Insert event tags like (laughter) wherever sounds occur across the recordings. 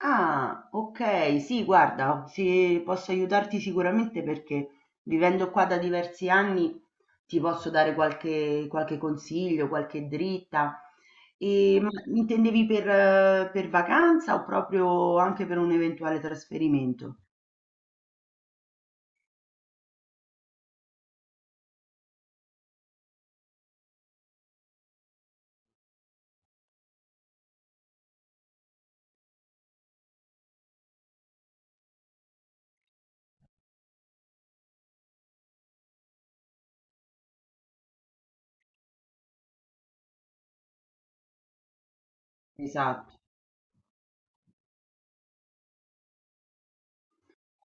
Ah, ok, sì, guarda, sì, posso aiutarti sicuramente perché vivendo qua da diversi anni ti posso dare qualche consiglio, qualche dritta. E, ma intendevi per vacanza o proprio anche per un eventuale trasferimento? Esatto.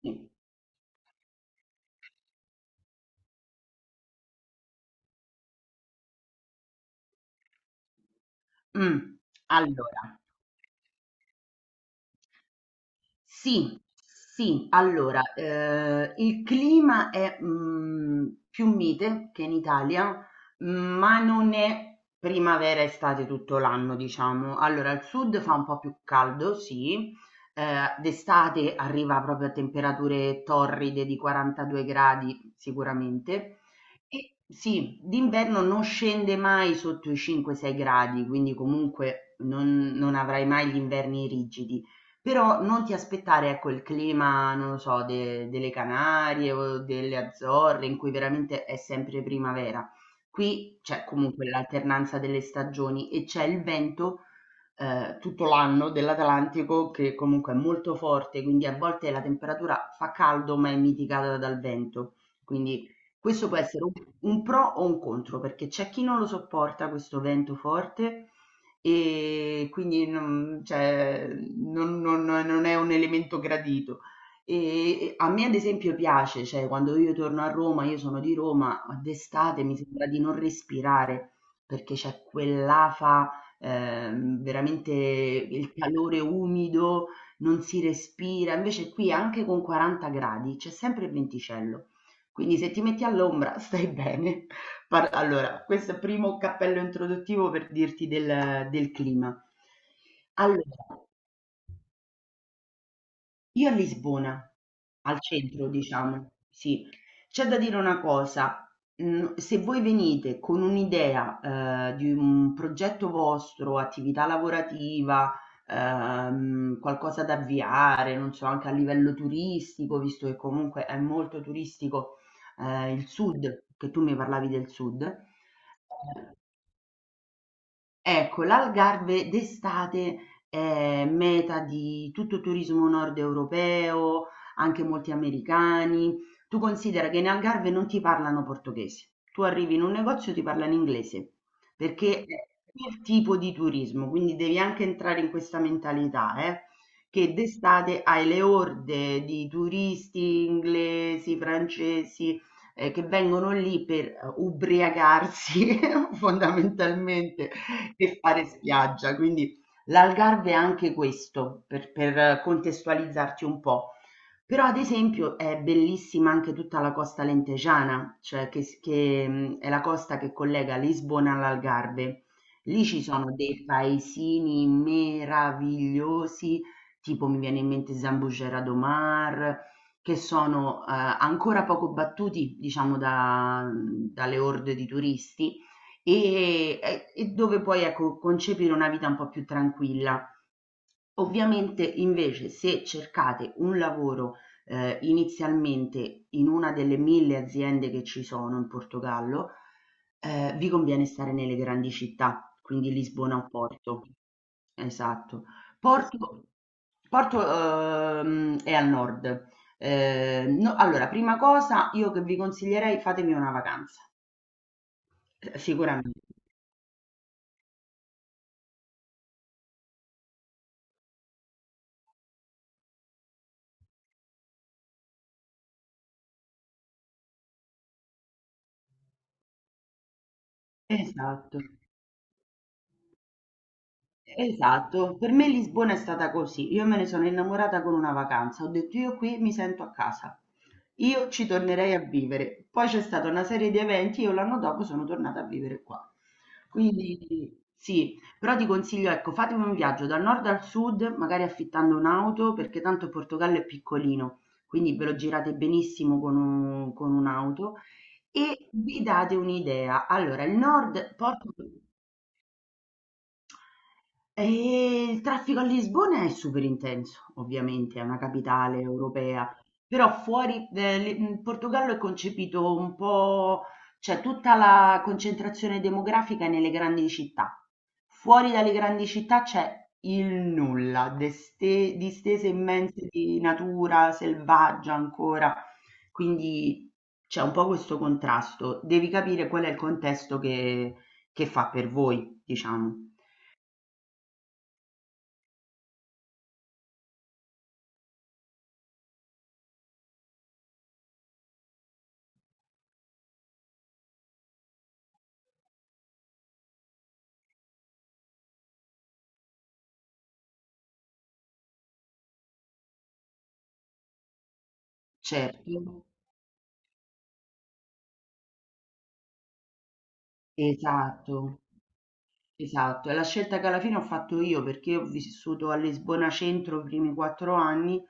Sì. Mm, Allora. Sì, sì, allora, il clima è, più mite che in Italia, ma non è primavera, e estate tutto l'anno, diciamo. Allora, al sud fa un po' più caldo, sì, d'estate arriva proprio a temperature torride di 42 gradi sicuramente, e sì, d'inverno non scende mai sotto i 5, 6 gradi, quindi comunque non avrai mai gli inverni rigidi. Però non ti aspettare, ecco, il clima, non lo so, de delle Canarie o delle Azzorre in cui veramente è sempre primavera. Qui c'è comunque l'alternanza delle stagioni e c'è il vento, tutto l'anno dell'Atlantico che comunque è molto forte, quindi a volte la temperatura fa caldo, ma è mitigata dal vento. Quindi questo può essere un pro o un contro, perché c'è chi non lo sopporta questo vento forte e quindi non, cioè, non è un elemento gradito. E a me ad esempio piace, cioè quando io torno a Roma, io sono di Roma, ma d'estate mi sembra di non respirare perché c'è quell'afa, veramente il calore umido, non si respira. Invece qui anche con 40 gradi c'è sempre il venticello. Quindi se ti metti all'ombra stai bene. (laughs) Questo è il primo cappello introduttivo per dirti del clima. Allora, io a Lisbona, al centro, diciamo, sì, c'è da dire una cosa. Se voi venite con un'idea di un progetto vostro, attività lavorativa, qualcosa da avviare, non so, anche a livello turistico, visto che comunque è molto turistico il sud, che tu mi parlavi del sud. Ecco, l'Algarve d'estate è meta di tutto turismo nord europeo, anche molti americani. Tu considera che in Algarve non ti parlano portoghese. Tu arrivi in un negozio e ti parlano inglese, perché è quel tipo di turismo, quindi devi anche entrare in questa mentalità, che d'estate hai le orde di turisti inglesi, francesi, che vengono lì per ubriacarsi (laughs) fondamentalmente e fare spiaggia. Quindi l'Algarve è anche questo, per, contestualizzarti un po'. Però ad esempio è bellissima anche tutta la costa lentejana, cioè che, è la costa che collega Lisbona all'Algarve. Lì ci sono dei paesini meravigliosi, tipo mi viene in mente Zambujeira do Mar, che sono, ancora poco battuti, diciamo, dalle orde di turisti e dove puoi, ecco, concepire una vita un po' più tranquilla. Ovviamente, invece, se cercate un lavoro, inizialmente in una delle 1000 aziende che ci sono in Portogallo, vi conviene stare nelle grandi città, quindi Lisbona o Porto. Esatto. Porto Porto è al nord. No allora, prima cosa io che vi consiglierei fatemi una vacanza, sicuramente. Esatto. Esatto, per me Lisbona è stata così. Io me ne sono innamorata con una vacanza, ho detto io qui mi sento a casa, io ci tornerei a vivere. Poi c'è stata una serie di eventi, io l'anno dopo sono tornata a vivere qua. Quindi sì, però ti consiglio, ecco, fatemi un viaggio dal nord al sud, magari affittando un'auto, perché tanto il Portogallo è piccolino, quindi ve lo girate benissimo con un'auto e vi date un'idea. Allora, il nord Porto. Il traffico a Lisbona è super intenso, ovviamente, è una capitale europea, però fuori Portogallo è concepito un po' cioè tutta la concentrazione demografica è nelle grandi città. Fuori dalle grandi città c'è il nulla, deste distese immense di natura selvaggia ancora, quindi c'è un po' questo contrasto. Devi capire qual è il contesto che fa per voi, diciamo. Certo, esatto, esatto. È la scelta che alla fine ho fatto io perché ho vissuto a Lisbona Centro i primi 4 anni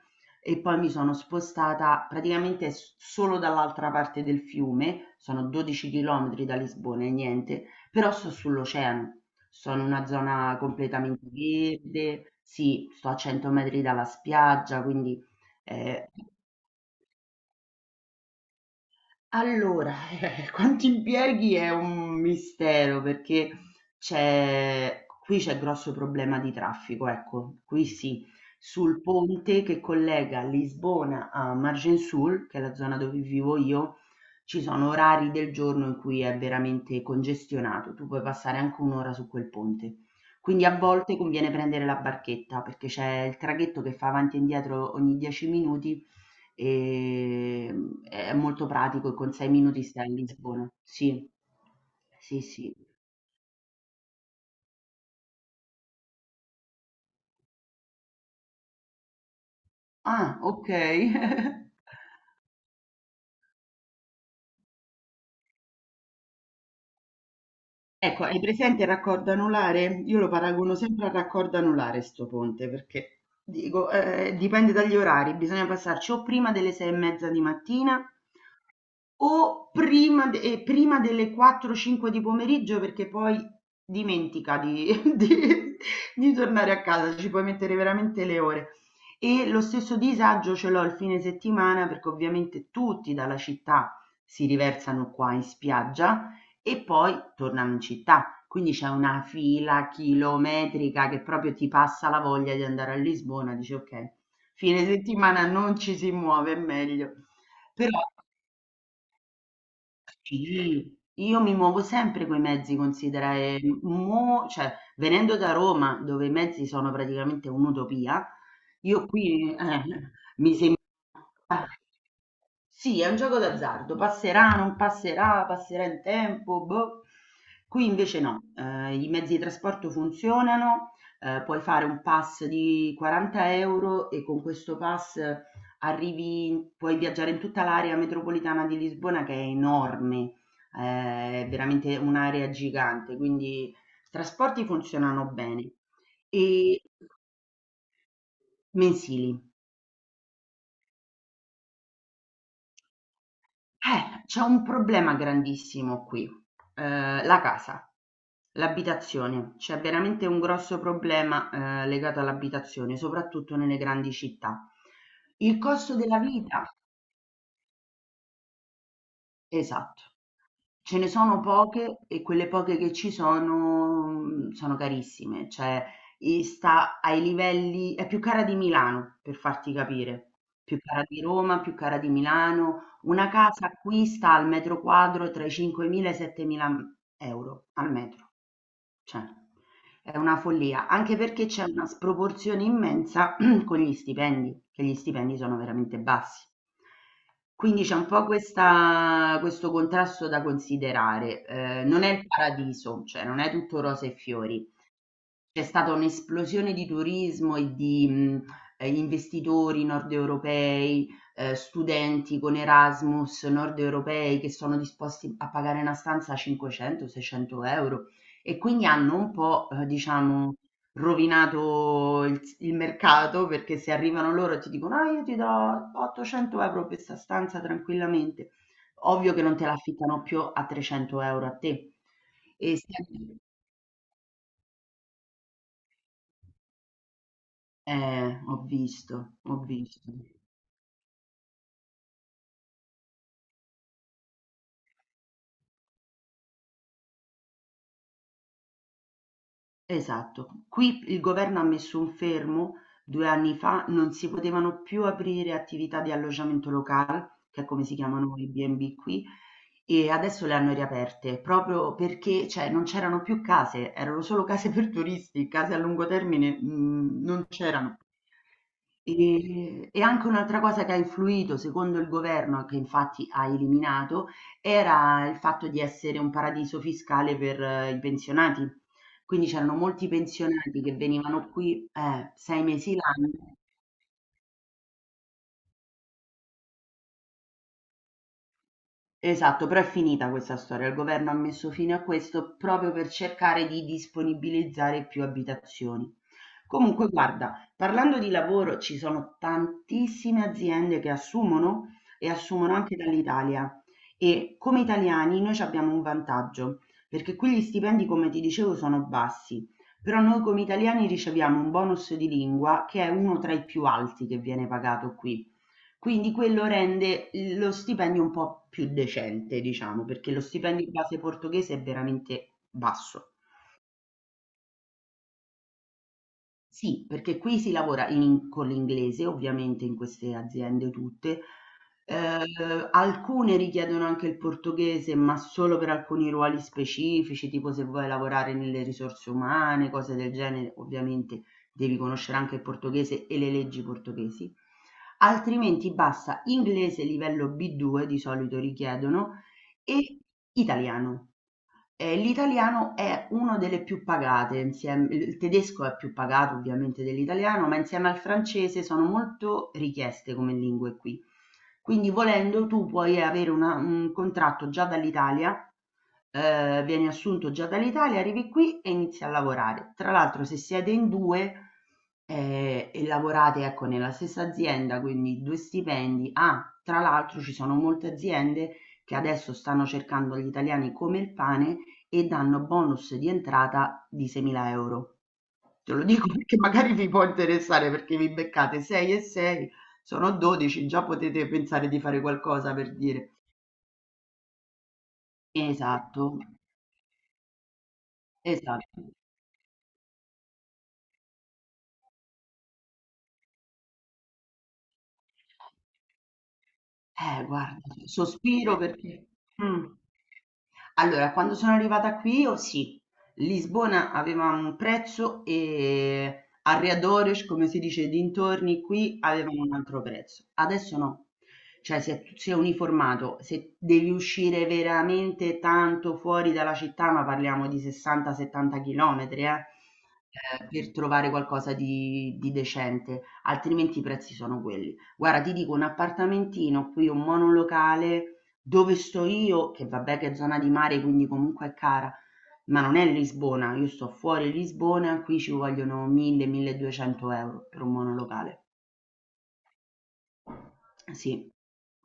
e poi mi sono spostata praticamente solo dall'altra parte del fiume, sono 12 chilometri da Lisbona e niente, però sto sull'oceano, sono in una zona completamente verde, sì, sto a 100 metri dalla spiaggia, quindi eh, allora, quanti impieghi è un mistero perché c'è qui c'è grosso problema di traffico, ecco, qui sì, sul ponte che collega Lisbona a Argençoul, che è la zona dove vivo io, ci sono orari del giorno in cui è veramente congestionato, tu puoi passare anche un'ora su quel ponte. Quindi a volte conviene prendere la barchetta perché c'è il traghetto che fa avanti e indietro ogni 10 minuti. È molto pratico e con 6 minuti stai a Lisbona. Sì. Sì, sì. Ah, okay. (laughs) Ecco, hai presente il raccordo anulare? Io lo paragono sempre al raccordo anulare 'sto ponte, perché dico, dipende dagli orari, bisogna passarci o prima delle 6 e mezza di mattina o prima d prima delle 4, 5 di pomeriggio perché poi dimentica di (laughs) di tornare a casa, ci puoi mettere veramente le ore. E lo stesso disagio ce l'ho il fine settimana perché ovviamente tutti dalla città si riversano qua in spiaggia e poi tornano in città. Quindi c'è una fila chilometrica che proprio ti passa la voglia di andare a Lisbona, dici: "Okay, fine settimana non ci si muove, è meglio." Però sì, io mi muovo sempre coi mezzi, considera, e mo cioè venendo da Roma, dove i mezzi sono praticamente un'utopia, io qui mi sembra. Sì, è un gioco d'azzardo, passerà, non passerà, passerà il tempo, boh. Qui invece no, i mezzi di trasporto funzionano, puoi fare un pass di 40 euro e con questo pass arrivi puoi viaggiare in tutta l'area metropolitana di Lisbona che è enorme, è veramente un'area gigante, quindi i trasporti funzionano bene. E mensili. C'è un problema grandissimo qui, la casa, l'abitazione. C'è veramente un grosso problema, legato all'abitazione, soprattutto nelle grandi città. Il costo della vita, esatto. Ce ne sono poche e quelle poche che ci sono, sono carissime, cioè e sta ai livelli è più cara di Milano, per farti capire, più cara di Roma, più cara di Milano. Una casa qui sta al metro quadro tra i 5.000 e i 7.000 euro al metro. Cioè, è una follia, anche perché c'è una sproporzione immensa (clears throat) con gli stipendi, che gli stipendi sono veramente bassi. Quindi c'è un po' questo contrasto da considerare. Non è il paradiso, cioè non è tutto rose e fiori, c'è stata un'esplosione di turismo e di, investitori nordeuropei, studenti con Erasmus nordeuropei che sono disposti a pagare una stanza 500, 600 €, e quindi hanno un po', diciamo, rovinato il mercato, perché se arrivano loro e ti dicono: "Ah, io ti do 800 € per 'sta stanza tranquillamente", ovvio che non te la affittano più a 300 € a te. E se. Ho visto, ho visto. Esatto, qui il governo ha messo un fermo, 2 anni fa non si potevano più aprire attività di alloggiamento locale, che è come si chiamano i B&B qui, e adesso le hanno riaperte proprio perché, cioè, non c'erano più case, erano solo case per turisti, case a lungo termine, non c'erano. E anche un'altra cosa che ha influito, secondo il governo, che infatti ha eliminato, era il fatto di essere un paradiso fiscale per i pensionati. Quindi c'erano molti pensionati che venivano qui, 6 mesi l'anno. Esatto, però è finita questa storia. Il governo ha messo fine a questo proprio per cercare di disponibilizzare più abitazioni. Comunque, guarda, parlando di lavoro, ci sono tantissime aziende che assumono e assumono anche dall'Italia. E come italiani noi ci abbiamo un vantaggio, perché qui gli stipendi, come ti dicevo, sono bassi, però noi come italiani riceviamo un bonus di lingua che è uno tra i più alti che viene pagato qui. Quindi quello rende lo stipendio un po' più decente, diciamo, perché lo stipendio in base portoghese è veramente basso. Sì, perché qui si lavora in con l'inglese, ovviamente in queste aziende tutte. Alcune richiedono anche il portoghese, ma solo per alcuni ruoli specifici, tipo se vuoi lavorare nelle risorse umane, cose del genere, ovviamente devi conoscere anche il portoghese e le leggi portoghesi. Altrimenti basta inglese livello B2 di solito richiedono e italiano. L'italiano è uno delle più pagate insiem il tedesco è più pagato ovviamente dell'italiano, ma insieme al francese sono molto richieste come lingue qui. Quindi volendo tu puoi avere una un contratto già dall'Italia, vieni assunto già dall'Italia, arrivi qui e inizi a lavorare. Tra l'altro se siete in 2, e lavorate ecco nella stessa azienda, quindi 2 stipendi tra l'altro ci sono molte aziende che adesso stanno cercando gli italiani come il pane e danno bonus di entrata di 6.000 euro. Te lo dico perché magari vi può interessare perché vi beccate 6 e 6, sono 12, già potete pensare di fare qualcosa per dire. Esatto, esatto. Guarda, sospiro perché mh. Allora, quando sono arrivata qui, oh sì, Lisbona aveva un prezzo e Arredores, come si dice, dintorni qui avevano un altro prezzo. Adesso no, cioè si è uniformato. Se devi uscire veramente tanto fuori dalla città, ma parliamo di 60-70 chilometri, per trovare qualcosa di decente, altrimenti i prezzi sono quelli. Guarda, ti dico un appartamentino qui, un monolocale dove sto io, che vabbè che è zona di mare, quindi comunque è cara, ma non è Lisbona, io sto fuori Lisbona, qui ci vogliono 1000-1200 euro per un monolocale. Sì,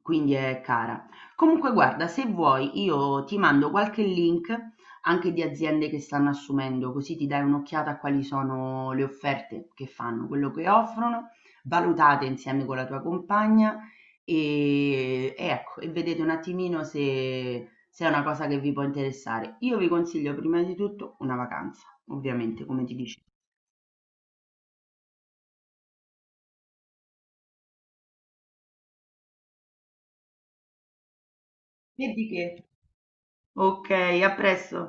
quindi è cara. Comunque guarda, se vuoi io ti mando qualche link anche di aziende che stanno assumendo, così ti dai un'occhiata a quali sono le offerte che fanno, quello che offrono, valutate insieme con la tua compagna e ecco, vedete un attimino se, è una cosa che vi può interessare. Io vi consiglio prima di tutto una vacanza, ovviamente, come ti dicevo. E di che? Ok, a presto.